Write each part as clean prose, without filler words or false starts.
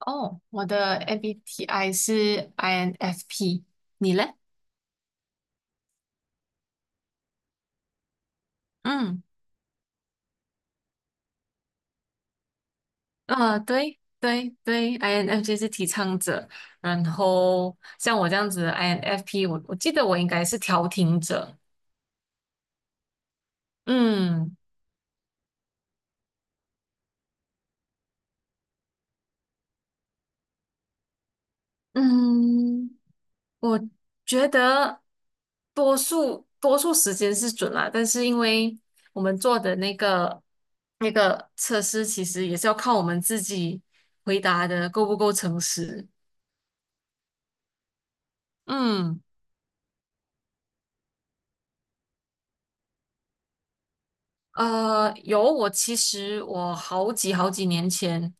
哦，我的 MBTI 是 INFP，你嘞？嗯。啊，对对对，INFJ 是提倡者。然后像我这样子的 INFP，我记得我应该是调停者。嗯。嗯。我觉得多数时间是准啦，但是因为我们做的那个测试，其实也是要靠我们自己回答的够不够诚实。嗯。有，我其实我好几年前，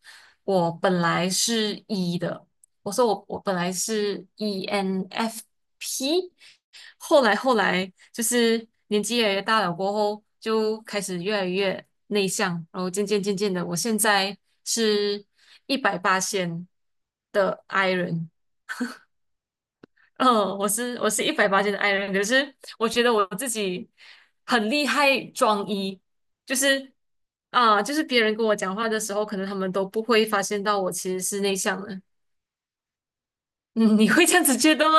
我本来是 E 的，我说我本来是 ENFP，后来就是年纪越来越大了过后，就开始越来越内向，然后渐渐渐渐的，我现在是一百八线的 I 人。嗯，我是180斤的 i 人，可是我觉得我自己很厉害装一，就是啊、就是别人跟我讲话的时候，可能他们都不会发现到我其实是内向的。嗯，你会这样子觉得吗？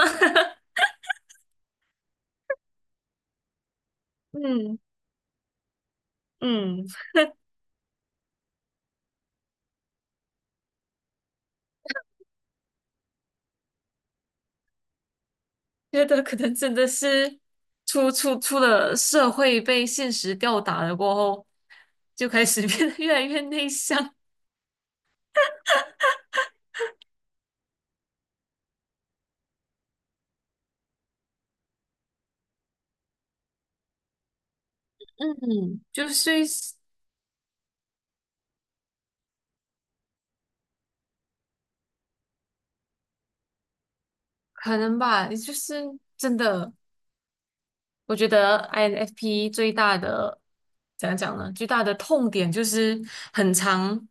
嗯。嗯。觉得可能真的是出了社会被现实吊打了过后，就开始 变得越来越内向。嗯，就是可能吧，就是真的。我觉得 INFP 最大的怎样讲呢？最大的痛点就是很常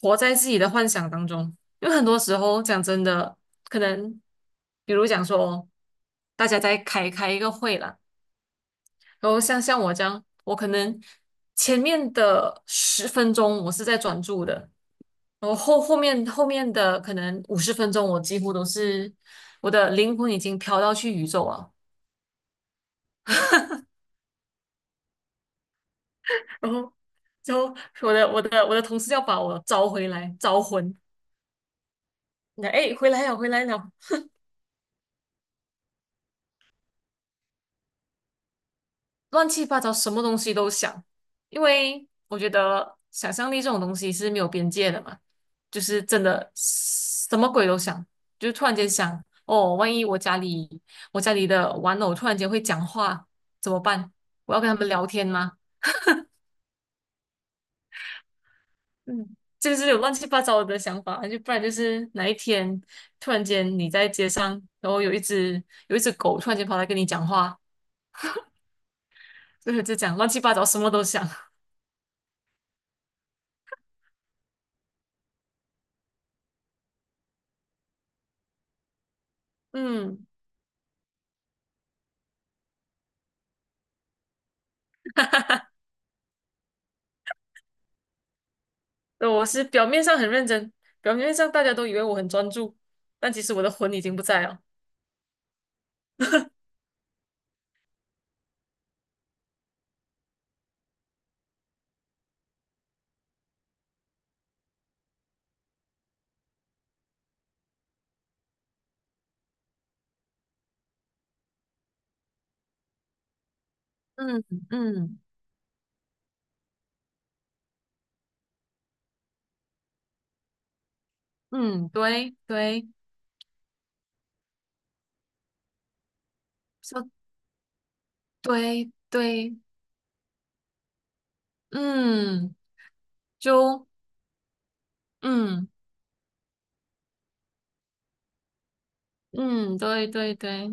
活在自己的幻想当中。因为很多时候讲真的，可能比如讲说，大家在开一个会啦。然后像我这样，我可能前面的十分钟我是在专注的，然后后面的可能50分钟，我几乎都是我的灵魂已经飘到去宇宙了。然后就我的同事要把我招回来，招魂。那哎，回来了，回来了，乱七八糟，什么东西都想。因为我觉得想象力这种东西是没有边界的嘛，就是真的什么鬼都想，就是突然间想，哦，万一我家里的玩偶突然间会讲话怎么办？我要跟他们聊天吗？嗯，这就是有乱七八糟的想法，就不然就是哪一天突然间你在街上，然后有一只狗突然间跑来跟你讲话。就讲乱七八糟，什么都想。嗯。哈，我是表面上很认真，表面上大家都以为我很专注，但其实我的魂已经不在了。嗯。嗯。嗯，对对。说对对。嗯。就。嗯。嗯，对对对。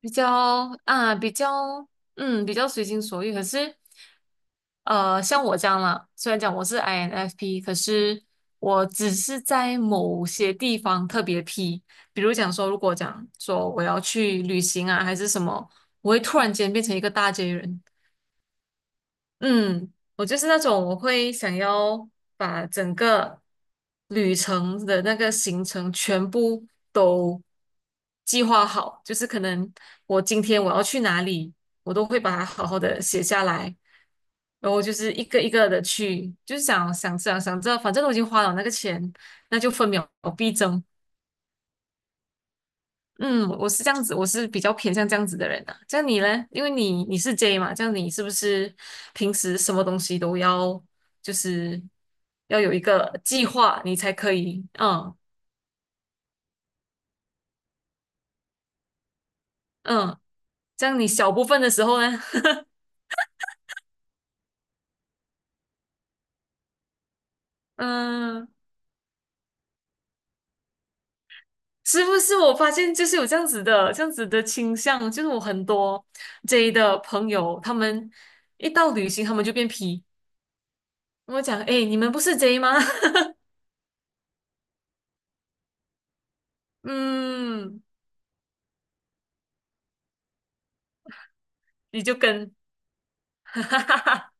比较啊，比较嗯，比较随心所欲。可是，像我这样啦，虽然讲我是 INFP，可是我只是在某些地方特别 P。比如讲说，如果讲说我要去旅行啊，还是什么，我会突然间变成一个大 J 人。嗯，我就是那种我会想要把整个旅程的那个行程全部都计划好，就是可能我今天我要去哪里，我都会把它好好的写下来，然后就是一个一个的去，就是想想这样，想着，反正都已经花了那个钱，那就分秒必争。嗯，我是这样子，我是比较偏向这样子的人啊。像你呢？因为你是 J 嘛，这样你是不是平时什么东西都要就是要有一个计划，你才可以？嗯。嗯。这样你小部分的时候呢？嗯，是不是我发现就是有这样子的倾向，就是我很多 J 的朋友，他们一到旅行，他们就变 P。我讲，哎，你们不是 J 吗？嗯，你就跟。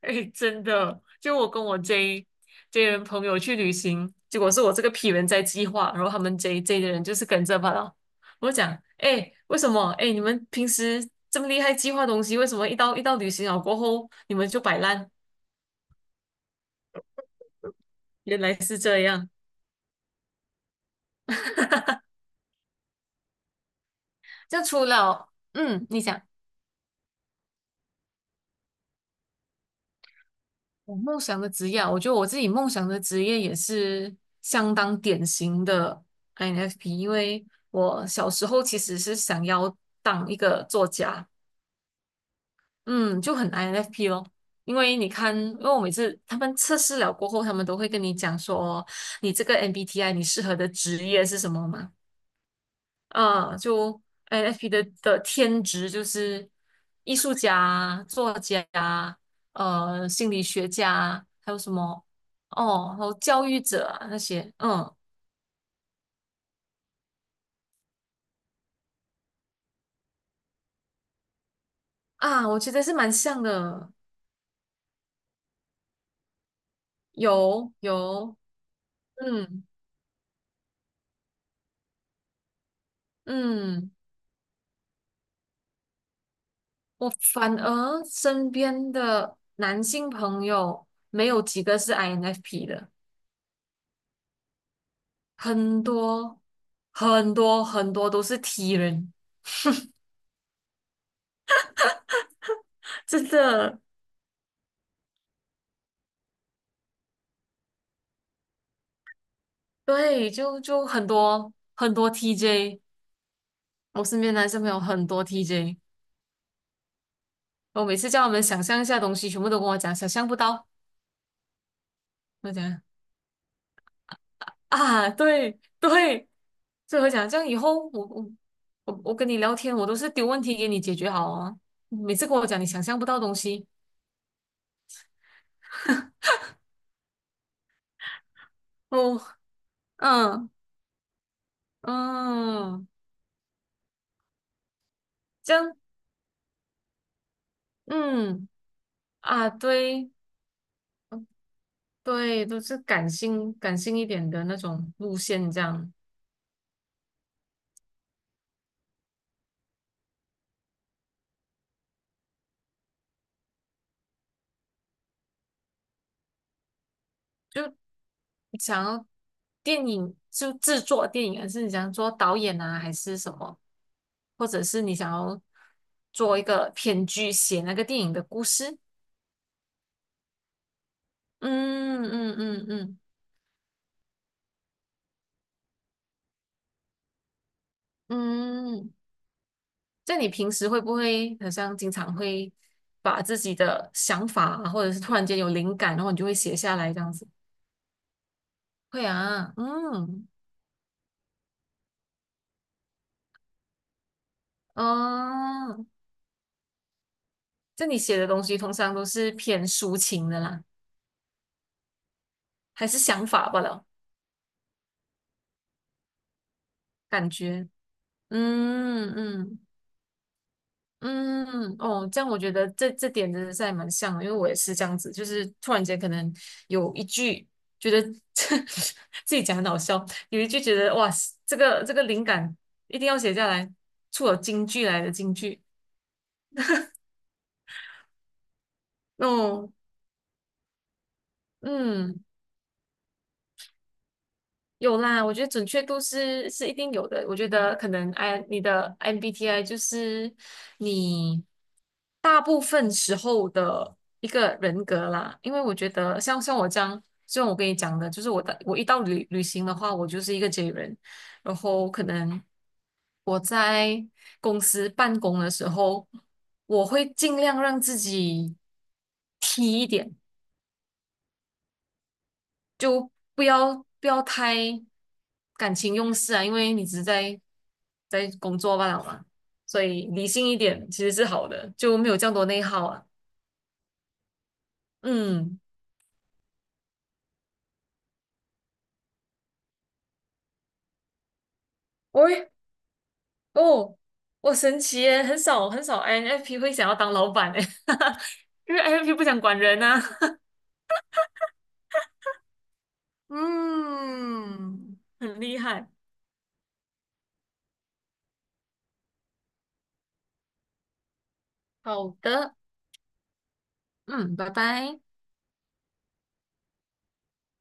哎，真的，就我跟我 J 人朋友去旅行，结果是我这个 P 人在计划，然后他们 J 的人就是跟着罢了。我就讲，哎，为什么？哎，你们平时这么厉害计划东西，为什么一到旅行了过后，你们就摆烂？原来是这样。就除了，嗯，你讲我梦想的职业啊，我觉得我自己梦想的职业也是相当典型的 INFP，因为我小时候其实是想要当一个作家。嗯，就很 INFP 咯。因为你看，因为我每次他们测试了过后，他们都会跟你讲说，你这个 MBTI 你适合的职业是什么嘛？嗯，就 INFP 的天职就是艺术家、作家、心理学家，还有什么哦，还有教育者啊那些。嗯。啊，我觉得是蛮像的。有有。嗯。嗯。我反而身边的男性朋友没有几个是 INFP 的，很多很多很多都是 T 人，真的。对，就很多很多 TJ。我身边男生朋友很多 TJ，我每次叫他们想象一下东西，全部都跟我讲想象不到。我讲啊，对对，所以我讲这样以后我跟你聊天，我都是丢问题给你解决好啊，每次跟我讲你想象不到东西。哦。嗯。嗯。这样。嗯。啊，对。嗯，对，都是感性一点的那种路线。这样就想要电影就制作电影，还是你想做导演啊，还是什么，或者是你想要做一个编剧，写那个电影的故事？嗯。嗯。嗯。嗯。嗯，在你平时会不会好像经常会把自己的想法啊，或者是突然间有灵感，然后你就会写下来这样子？会啊。嗯。哦，这你写的东西通常都是偏抒情的啦，还是想法罢了？感觉。嗯。嗯。嗯。哦，这样我觉得这点真的是还蛮像的，因为我也是这样子，就是突然间可能有一句觉得 自己讲很好笑，有一句觉得哇，这个灵感一定要写下来，出了京剧来的金句。哦。嗯。有啦，我觉得准确度是一定有的。我觉得可能 I 你的 MBTI 就是你大部分时候的一个人格啦，因为我觉得像我这样，就像我跟你讲的，就是我一到旅行的话，我就是一个 J 人。然后可能我在公司办公的时候，我会尽量让自己 T 一点。就不要太感情用事啊，因为你只是在工作罢了嘛，所以理性一点其实是好的，就没有这样多内耗啊。嗯。喂。哦，我神奇耶，很少很少 I n f p 会想要当老板诶。因为 INFP 不想管人啊。嗯，很厉害。好的。嗯，拜拜。